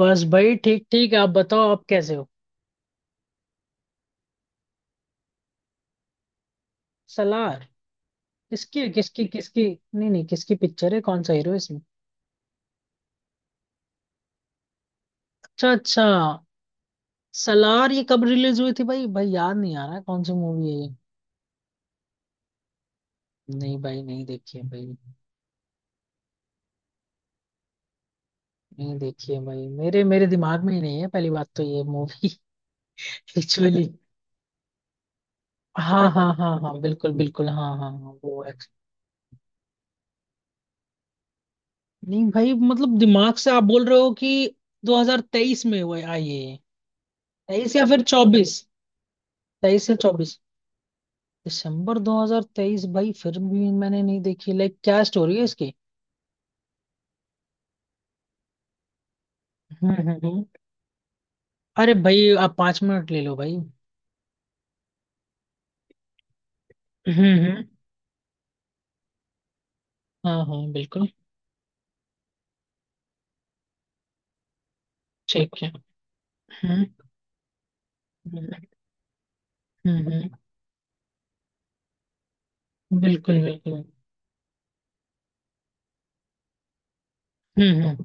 बस भाई, ठीक ठीक। आप बताओ, आप कैसे हो? सलार। किसकी है? किसकी? किसकी? नहीं नहीं, किसकी पिक्चर है? कौन सा हीरो है इसमें? अच्छा अच्छा। सलार ये कब रिलीज हुई थी भाई? याद नहीं आ रहा है कौन सी मूवी है। ये नहीं भाई, नहीं देखी है भाई। नहीं देखी है भाई, मेरे मेरे दिमाग में ही नहीं है पहली बात तो ये मूवी। एक्चुअली। हाँ हाँ हाँ हाँ, बिल्कुल बिल्कुल, हाँ हाँ हाँ, नहीं भाई, मतलब दिमाग से आप बोल रहे हो कि 2023 में हुआ आई है ये? तेईस या फिर चौबीस? तेईस या चौबीस? दिसंबर 2023, भाई फिर भी मैंने नहीं देखी। लाइक क्या स्टोरी है इसकी? हम्म, हम्म, हम्म। अरे भाई, आप पांच मिनट ले लो भाई। हम्म। हाँ हाँ, बिल्कुल। ठीक है। हम्म, हम्म, हम्म, बिल्कुल बिल्कुल। हम्म, हम्म।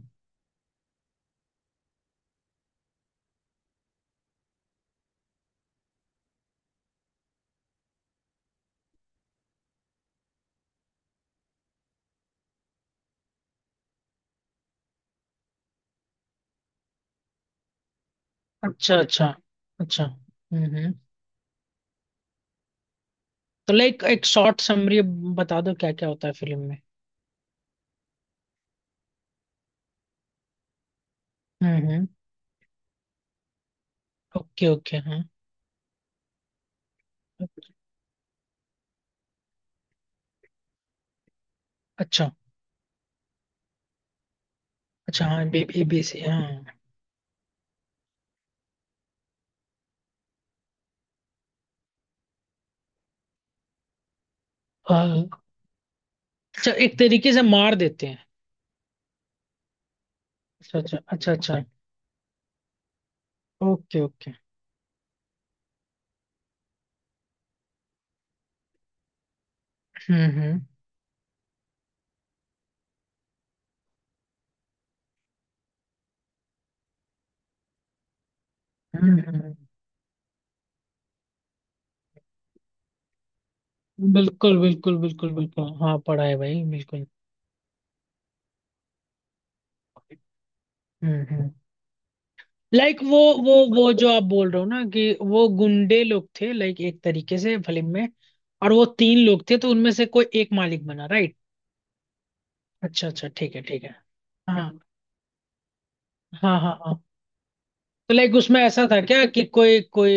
अच्छा अच्छा अच्छा। हम्म, हम्म। तो लाइक एक शॉर्ट समरी बता दो क्या क्या होता है फिल्म में। हम्म, हम्म। ओके ओके, हाँ। अच्छा, अच्छा हाँ बेबी बेबी। हाँ हाँ। अच्छा, एक तरीके से मार देते हैं? अच्छा अच्छा अच्छा अच्छा। Okay okay. हम्म, हम्म, हम्म, हम्म, बिल्कुल बिल्कुल बिल्कुल बिल्कुल। हाँ पढ़ा है भाई, बिल्कुल। हम्म, हम्म। लाइक वो, वो जो आप बोल रहे हो ना कि वो गुंडे लोग थे, लाइक एक तरीके से फिल्म में। और वो तीन लोग थे तो उनमें से कोई एक मालिक बना, राइट? अच्छा अच्छा, ठीक है ठीक है। हाँ हाँ हाँ। हाँ। तो लाइक उसमें ऐसा था क्या कि कोई कोई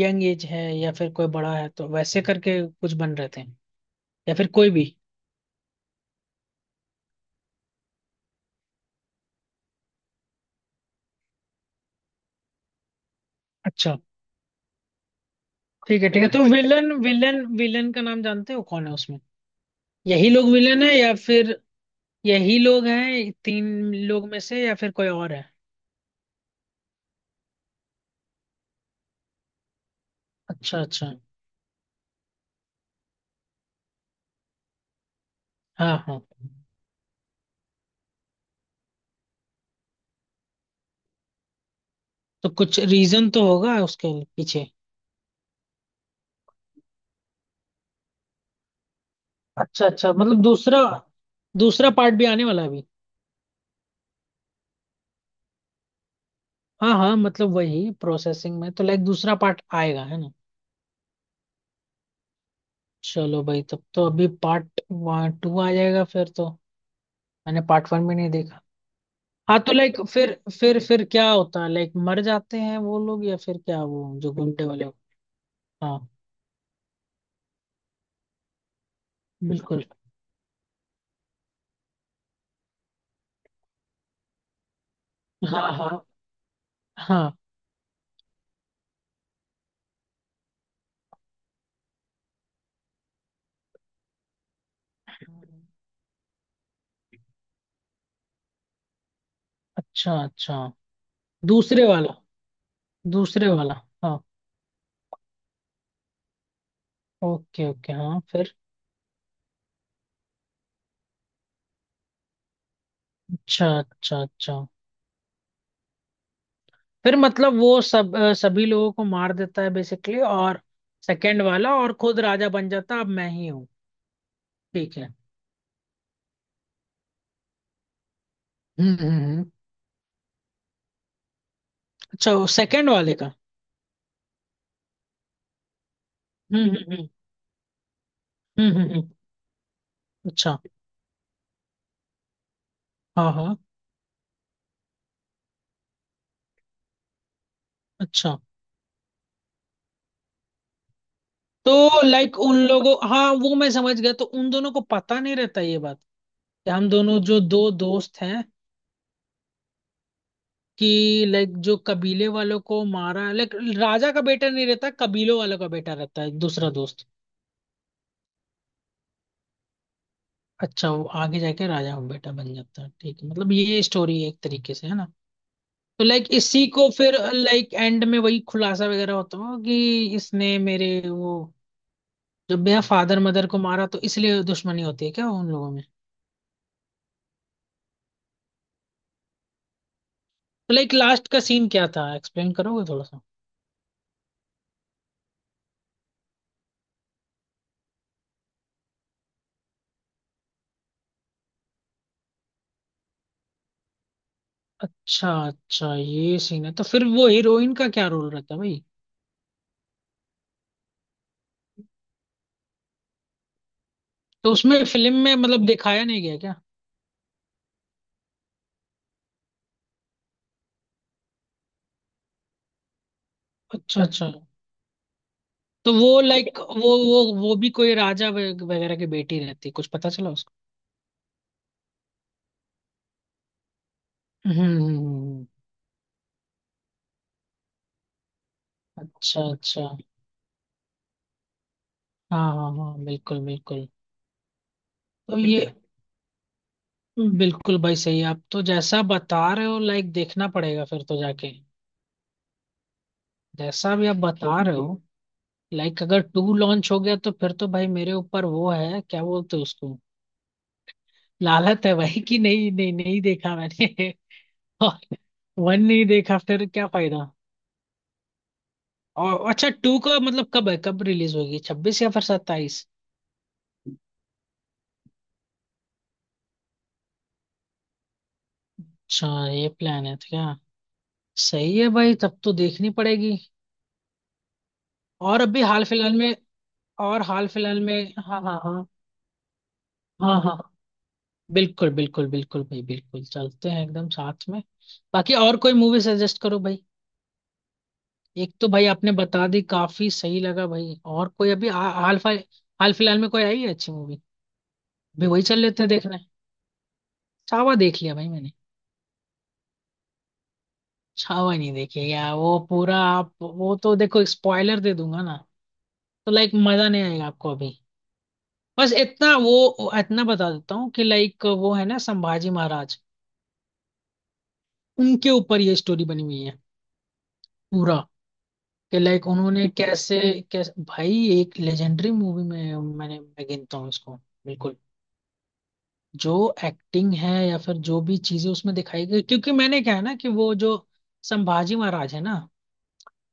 यंग एज है, या फिर कोई बड़ा है, तो वैसे करके कुछ बन रहे थे? या फिर कोई भी? अच्छा। ठीक है ठीक है। तो विलन, विलन, विलन का नाम जानते हो कौन है उसमें? यही लोग विलेन है या फिर? यही लोग हैं तीन लोग में से, या फिर कोई और है? अच्छा अच्छा। हाँ हाँ। तो कुछ रीजन तो होगा उसके पीछे। अच्छा अच्छा, मतलब दूसरा, दूसरा पार्ट भी आने वाला है अभी? हाँ हाँ, मतलब वही प्रोसेसिंग में, तो लाइक दूसरा पार्ट आएगा, है ना? चलो भाई, तब तो अभी पार्ट वन टू आ जाएगा फिर तो। मैंने पार्ट वन भी नहीं देखा। हाँ तो लाइक फिर क्या होता है, लाइक मर जाते हैं वो लोग या फिर क्या वो जो गुंडे वाले? हाँ। बिल्कुल। हाँ हाँ हाँ। अच्छा अच्छा। दूसरे वाला? दूसरे वाला। हाँ। ओके ओके, हाँ फिर? अच्छा अच्छा अच्छा। फिर मतलब वो सब सभी लोगों को मार देता है बेसिकली, और सेकंड वाला और खुद राजा बन जाता, अब मैं ही हूँ। ठीक है। हम्म, हम्म, अच्छा, वो सेकंड वाले का? हम्म, हम्म, हम्म, हम्म, अच्छा। हाँ हाँ। अच्छा। तो लाइक उन लोगों, हाँ वो मैं समझ गया, तो उन दोनों को पता नहीं रहता ये बात कि हम दोनों जो दो दोस्त हैं? कि लाइक जो कबीले वालों को मारा, लाइक राजा का बेटा नहीं रहता, कबीलों वालों का बेटा रहता है दूसरा दोस्त? अच्छा, वो आगे जाके राजा का बेटा बन जाता है, ठीक है, मतलब ये स्टोरी है एक तरीके से, है ना? तो लाइक इसी को फिर, लाइक एंड में वही खुलासा वगैरह होता हो कि इसने मेरे वो, जब मेरा फादर मदर को मारा, तो इसलिए दुश्मनी होती है क्या उन लोगों में? तो लाइक लास्ट का सीन क्या था, एक्सप्लेन करोगे थोड़ा सा? अच्छा अच्छा, ये सीन है। तो फिर वो हीरोइन का क्या रोल रहता है भाई? तो उसमें फिल्म में मतलब दिखाया नहीं गया क्या? अच्छा अच्छा। तो वो लाइक, वो वो भी कोई राजा वगैरह की बेटी रहती है? कुछ पता चला उसको? हम्म, हम्म। अच्छा अच्छा। हाँ हाँ हाँ, बिल्कुल बिल्कुल। तो ये, बिल्कुल भाई सही है। आप तो जैसा बता रहे हो, लाइक देखना पड़ेगा फिर तो जाके। जैसा भी आप बता रहे हो, लाइक अगर टू लॉन्च हो गया, तो फिर तो भाई मेरे ऊपर वो है, क्या बोलते हैं उसको, लालत है भाई कि नहीं नहीं, नहीं देखा मैंने। और वन नहीं देखा, फिर क्या फायदा। और अच्छा, टू का मतलब कब है, कब रिलीज होगी, छब्बीस या फिर सत्ताईस? अच्छा, ये प्लान है तो क्या, सही है भाई, तब तो देखनी पड़ेगी। और अभी हाल फिलहाल में। और हाल फिलहाल में। हाँ हाँ हाँ। हाँ हाँ। बिल्कुल बिल्कुल बिल्कुल भाई, बिल्कुल चलते हैं एकदम साथ में। बाकी और कोई मूवी सजेस्ट करो भाई। एक तो भाई आपने बता दी, काफी सही लगा भाई। और कोई अभी हाल फिलहाल, हाल फिलहाल में कोई आई है अच्छी मूवी? अभी वही चल लेते हैं देखना है। छावा देख लिया भाई मैंने। छावा नहीं देखी है यार वो, पूरा आप, वो तो देखो स्पॉइलर दे दूंगा ना, तो लाइक मजा नहीं आएगा आपको अभी। बस इतना वो, इतना बता देता हूँ कि लाइक वो है ना संभाजी महाराज, उनके ऊपर ये स्टोरी बनी हुई है पूरा। कि लाइक उन्होंने कैसे, कैसे भाई, एक लेजेंडरी मूवी में मैंने, मैं गिनता हूँ इसको। बिल्कुल। जो एक्टिंग है, या फिर जो भी चीजें उसमें दिखाई गई, क्योंकि मैंने क्या है ना कि वो जो संभाजी महाराज है ना,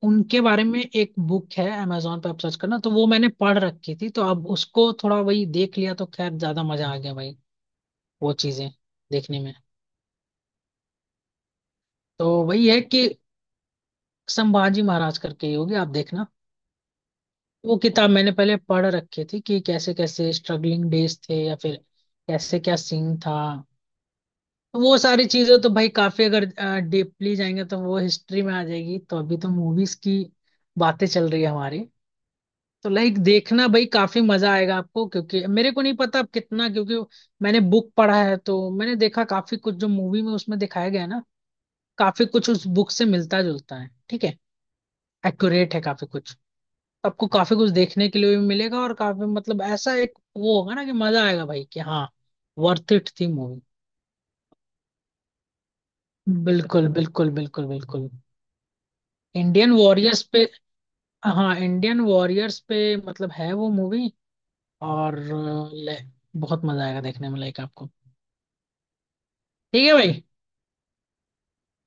उनके बारे में एक बुक है, Amazon पे आप सर्च करना, तो वो मैंने पढ़ रखी थी, तो अब उसको थोड़ा वही देख लिया, तो खैर ज्यादा मजा आ गया भाई वो चीजें देखने में। तो वही है कि संभाजी महाराज करके ही होगी, आप देखना। वो किताब मैंने पहले पढ़ रखी थी, कि कैसे कैसे स्ट्रगलिंग डेज थे, या फिर कैसे क्या सीन था। तो वो सारी चीजें तो भाई काफी, अगर डीपली जाएंगे तो वो हिस्ट्री में आ जाएगी, तो अभी तो मूवीज की बातें चल रही है हमारी। तो लाइक देखना भाई, काफी मजा आएगा आपको, क्योंकि मेरे को नहीं पता अब कितना, क्योंकि मैंने बुक पढ़ा है, तो मैंने देखा काफी कुछ जो मूवी में उसमें दिखाया गया है ना, काफी कुछ उस बुक से मिलता जुलता है, ठीक है एक्यूरेट है काफी कुछ। आपको काफी कुछ देखने के लिए भी मिलेगा, और काफी मतलब ऐसा एक वो होगा ना कि मजा आएगा भाई कि हाँ वर्थ इट थी मूवी। बिल्कुल बिल्कुल बिल्कुल बिल्कुल। इंडियन वॉरियर्स पे, हाँ इंडियन वॉरियर्स पे मतलब है वो मूवी। और बहुत मजा आएगा देखने में लाइक आपको। ठीक है भाई।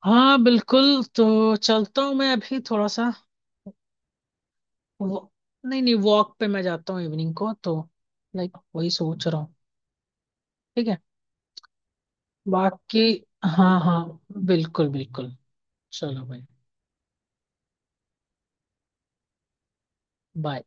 हाँ बिल्कुल, तो चलता हूँ मैं अभी थोड़ा सा। वो, नहीं नहीं, वॉक पे मैं जाता हूँ इवनिंग को तो, लाइक वही सोच रहा हूँ। ठीक है। बाकी हाँ हाँ, बिल्कुल बिल्कुल, चलो भाई। बाय।